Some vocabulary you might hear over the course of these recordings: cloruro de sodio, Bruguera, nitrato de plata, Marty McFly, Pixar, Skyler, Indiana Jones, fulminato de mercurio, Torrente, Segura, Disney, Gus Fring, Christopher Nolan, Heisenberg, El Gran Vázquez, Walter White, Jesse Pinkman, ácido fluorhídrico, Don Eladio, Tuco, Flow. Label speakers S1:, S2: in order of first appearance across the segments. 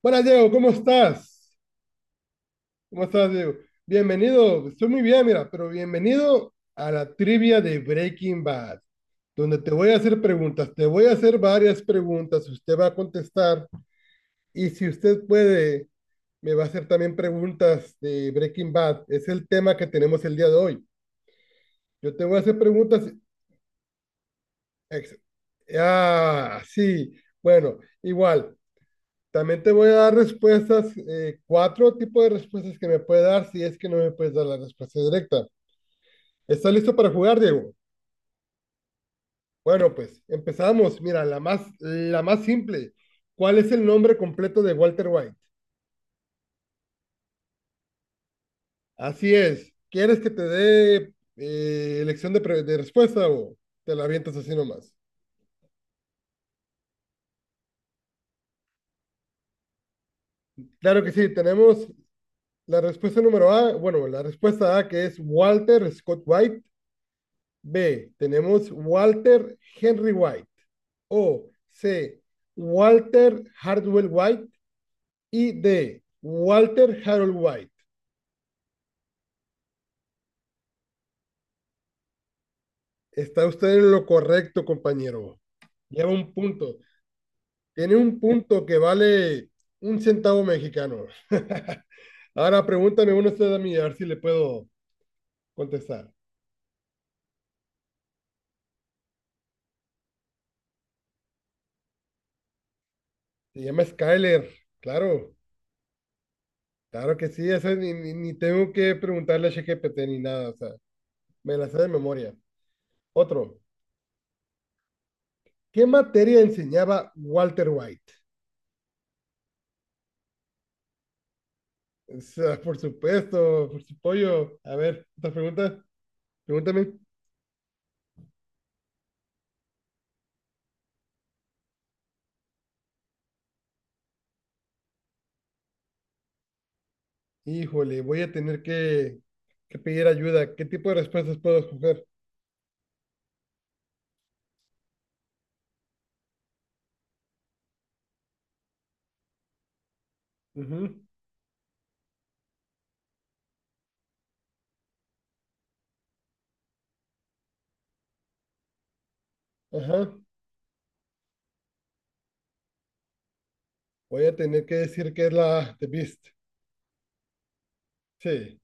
S1: Buenas, Diego, ¿cómo estás? ¿Cómo estás, Diego? Bienvenido, estoy muy bien, mira, pero bienvenido a la trivia de Breaking Bad, donde te voy a hacer preguntas, te voy a hacer varias preguntas, usted va a contestar, y si usted puede, me va a hacer también preguntas de Breaking Bad, es el tema que tenemos el día de hoy. Yo te voy a hacer preguntas. Ex-. Ah, sí, bueno, igual. También te voy a dar respuestas, cuatro tipos de respuestas que me puede dar si es que no me puedes dar la respuesta directa. ¿Estás listo para jugar, Diego? Bueno, pues empezamos. Mira, la más simple. ¿Cuál es el nombre completo de Walter White? Así es. ¿Quieres que te dé elección de, de respuesta, o te la avientas así nomás? Claro que sí. Tenemos la respuesta número A. Bueno, la respuesta A, que es Walter Scott White. B, tenemos Walter Henry White. O C, Walter Hardwell White. Y D, Walter Harold White. Está usted en lo correcto, compañero. Lleva un punto. Tiene un punto que vale un centavo mexicano. Ahora pregúntame uno usted a mí, a ver si le puedo contestar. Se llama Skyler, claro, claro que sí, eso ni, ni tengo que preguntarle a ChatGPT ni nada, o sea, me la sé de memoria. Otro, ¿qué materia enseñaba Walter White? O sea, por supuesto, por su pollo. A ver, otra pregunta. Pregúntame. Híjole, voy a tener que pedir ayuda. ¿Qué tipo de respuestas puedo escoger? Ujú. Ajá. Voy a tener que decir que es la The Beast. Sí.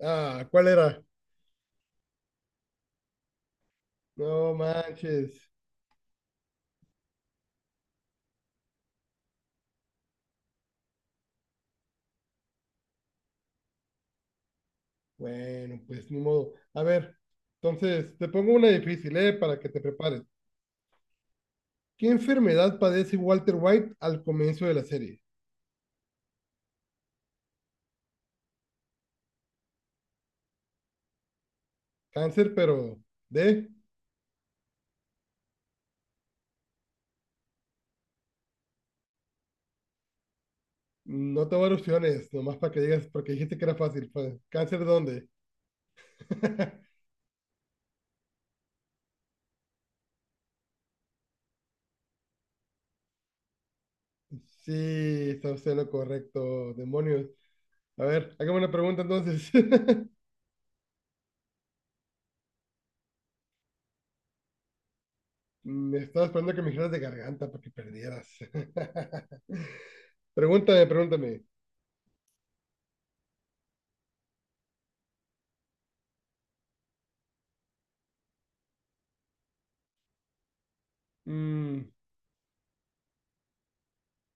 S1: Ah, ¿cuál era? No manches. Bueno, pues ni modo. A ver, entonces te pongo una difícil, ¿eh? Para que te prepares. ¿Qué enfermedad padece Walter White al comienzo de la serie? Cáncer, pero de. No te voy a dar opciones, nomás para que digas, porque dijiste que era fácil. Pues. ¿Cáncer dónde? Sí, está usted en lo correcto, demonios. A ver, hágame una pregunta entonces. Me estaba esperando que me dijeras de garganta para que perdieras. Pregúntame, pregúntame. Mm,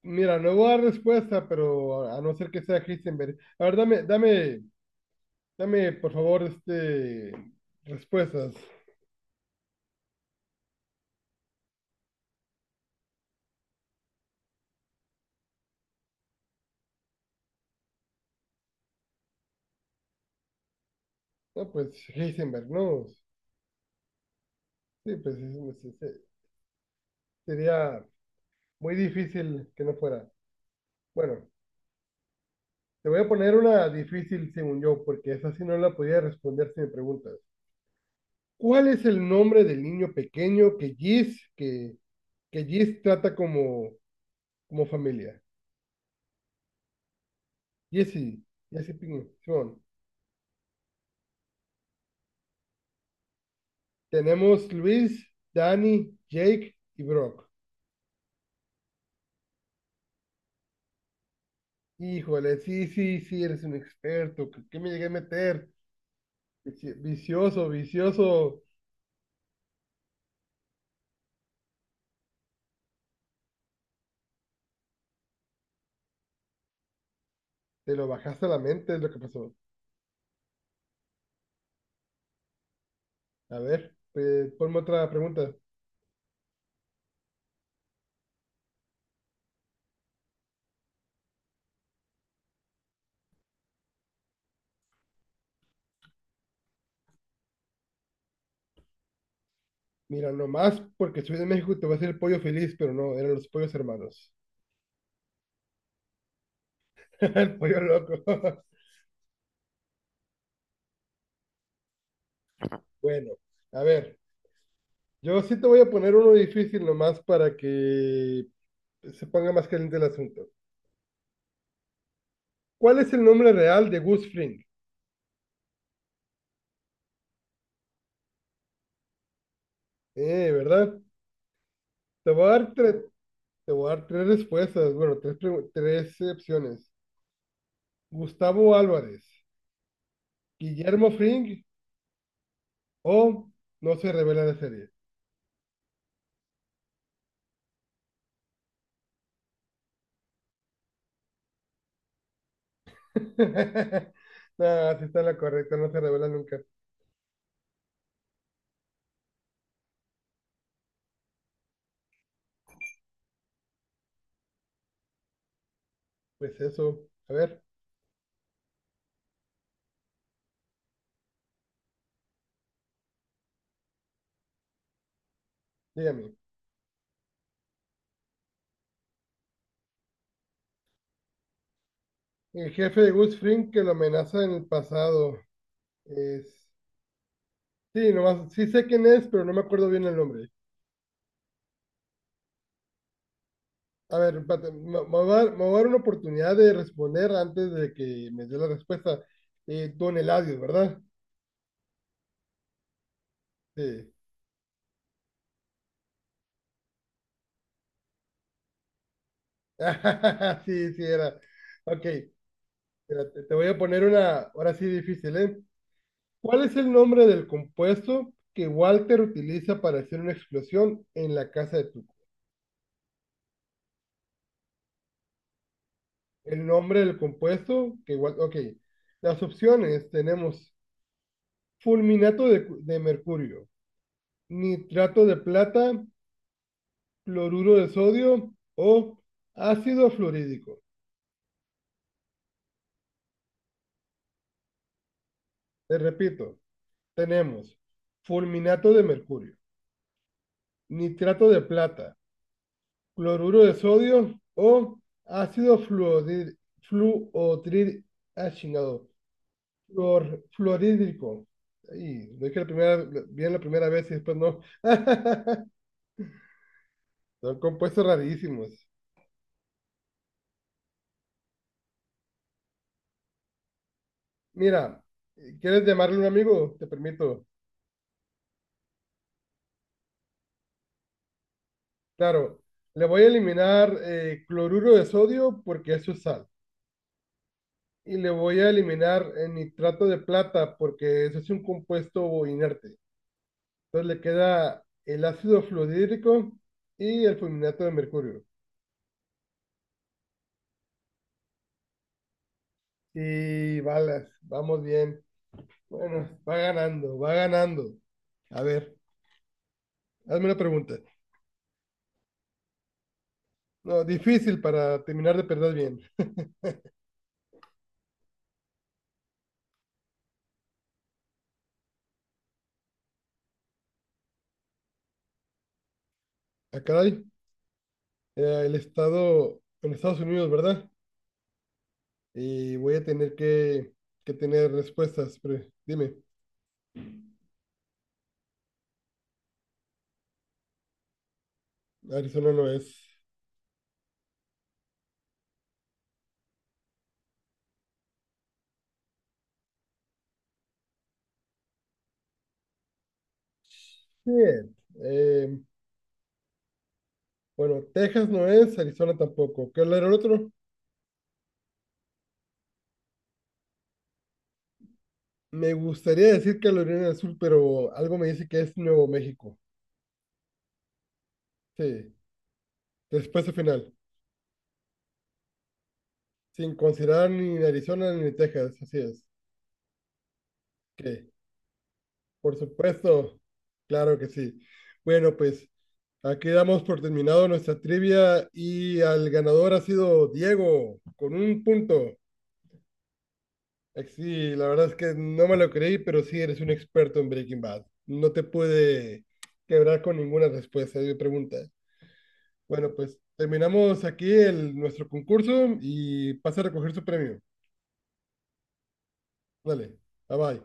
S1: mira, no voy a dar respuesta, pero a no ser que sea Heisenberg. A ver, dame, dame, dame, por favor, respuestas. No, pues Heisenberg, no. Sí, pues sí, sí, sí, sí. Sería muy difícil que no fuera. Bueno, te voy a poner una difícil según yo, porque esa sí no la podía responder si me preguntas. ¿Cuál es el nombre del niño pequeño que Giz, que Giz trata como, como familia? Jesse, Jesse Pinkman, Simón. Tenemos Luis, Danny, Jake y Brock. Híjole, sí, sí, sí, eres un experto. ¿Qué, qué me llegué a meter? Vicioso, vicioso. Te lo bajaste a la mente, es lo que pasó. A ver, pues, ponme otra pregunta. Mira, nomás porque soy de México te va a hacer el pollo feliz, pero no, eran los pollos hermanos. El pollo loco. Bueno, a ver, yo sí te voy a poner uno difícil nomás para que se ponga más caliente el asunto. ¿Cuál es el nombre real de Gus Fring? ¿Verdad? Te voy a dar tres, te voy a dar tres respuestas, bueno, tres, tres opciones. Gustavo Álvarez, Guillermo Fring, o no se revela la serie. No, sí está la correcta, no se revela nunca. Pues eso. A ver, dígame. El jefe de Gus Fring que lo amenaza en el pasado es... Sí, nomás, sí sé quién es, pero no me acuerdo bien el nombre. A ver, espérate, me voy a dar, me voy a dar una oportunidad de responder antes de que me dé la respuesta. Don Eladio, ¿verdad? Sí. Sí, sí era. Ok, espérate, te voy a poner una, ahora sí difícil, ¿eh? ¿Cuál es el nombre del compuesto que Walter utiliza para hacer una explosión en la casa de Tuco? El nombre del compuesto que Walter... Ok, las opciones tenemos fulminato de, de mercurio, nitrato de plata, cloruro de sodio o ácido fluorídrico. Te repito, tenemos fulminato de mercurio, nitrato de plata, cloruro de sodio o ácido fluorid, fluotrid, ah, chingado, Flor, florídrico. Ahí, lo dije la primera, bien la primera vez y después no. Son compuestos rarísimos. Mira, ¿quieres llamarle un amigo? Te permito. Claro, le voy a eliminar cloruro de sodio porque eso es sal. Y le voy a eliminar el nitrato de plata porque eso es un compuesto inerte. Entonces le queda el ácido fluorhídrico y el fulminato de mercurio. Y balas, vamos bien. Bueno, va ganando, va ganando. A ver, hazme una pregunta. No, difícil para terminar de perder bien. Ah, caray, el estado en Estados Unidos, ¿verdad? Y voy a tener que tener respuestas. Pero dime, Arizona no es. Bien. eh, bueno, Texas no es, Arizona tampoco. ¿Qué era el otro? Me gustaría decir Carolina del Sur, pero algo me dice que es Nuevo México. Sí, respuesta final. Sin considerar ni Arizona ni Texas, así es. Que, por supuesto, claro que sí. Bueno, pues aquí damos por terminado nuestra trivia, y al ganador ha sido Diego con un punto. Sí, la verdad es que no me lo creí, pero sí eres un experto en Breaking Bad. No te pude quebrar con ninguna respuesta de mi pregunta. Bueno, pues terminamos aquí el, nuestro concurso y pasa a recoger su premio. Dale, bye bye.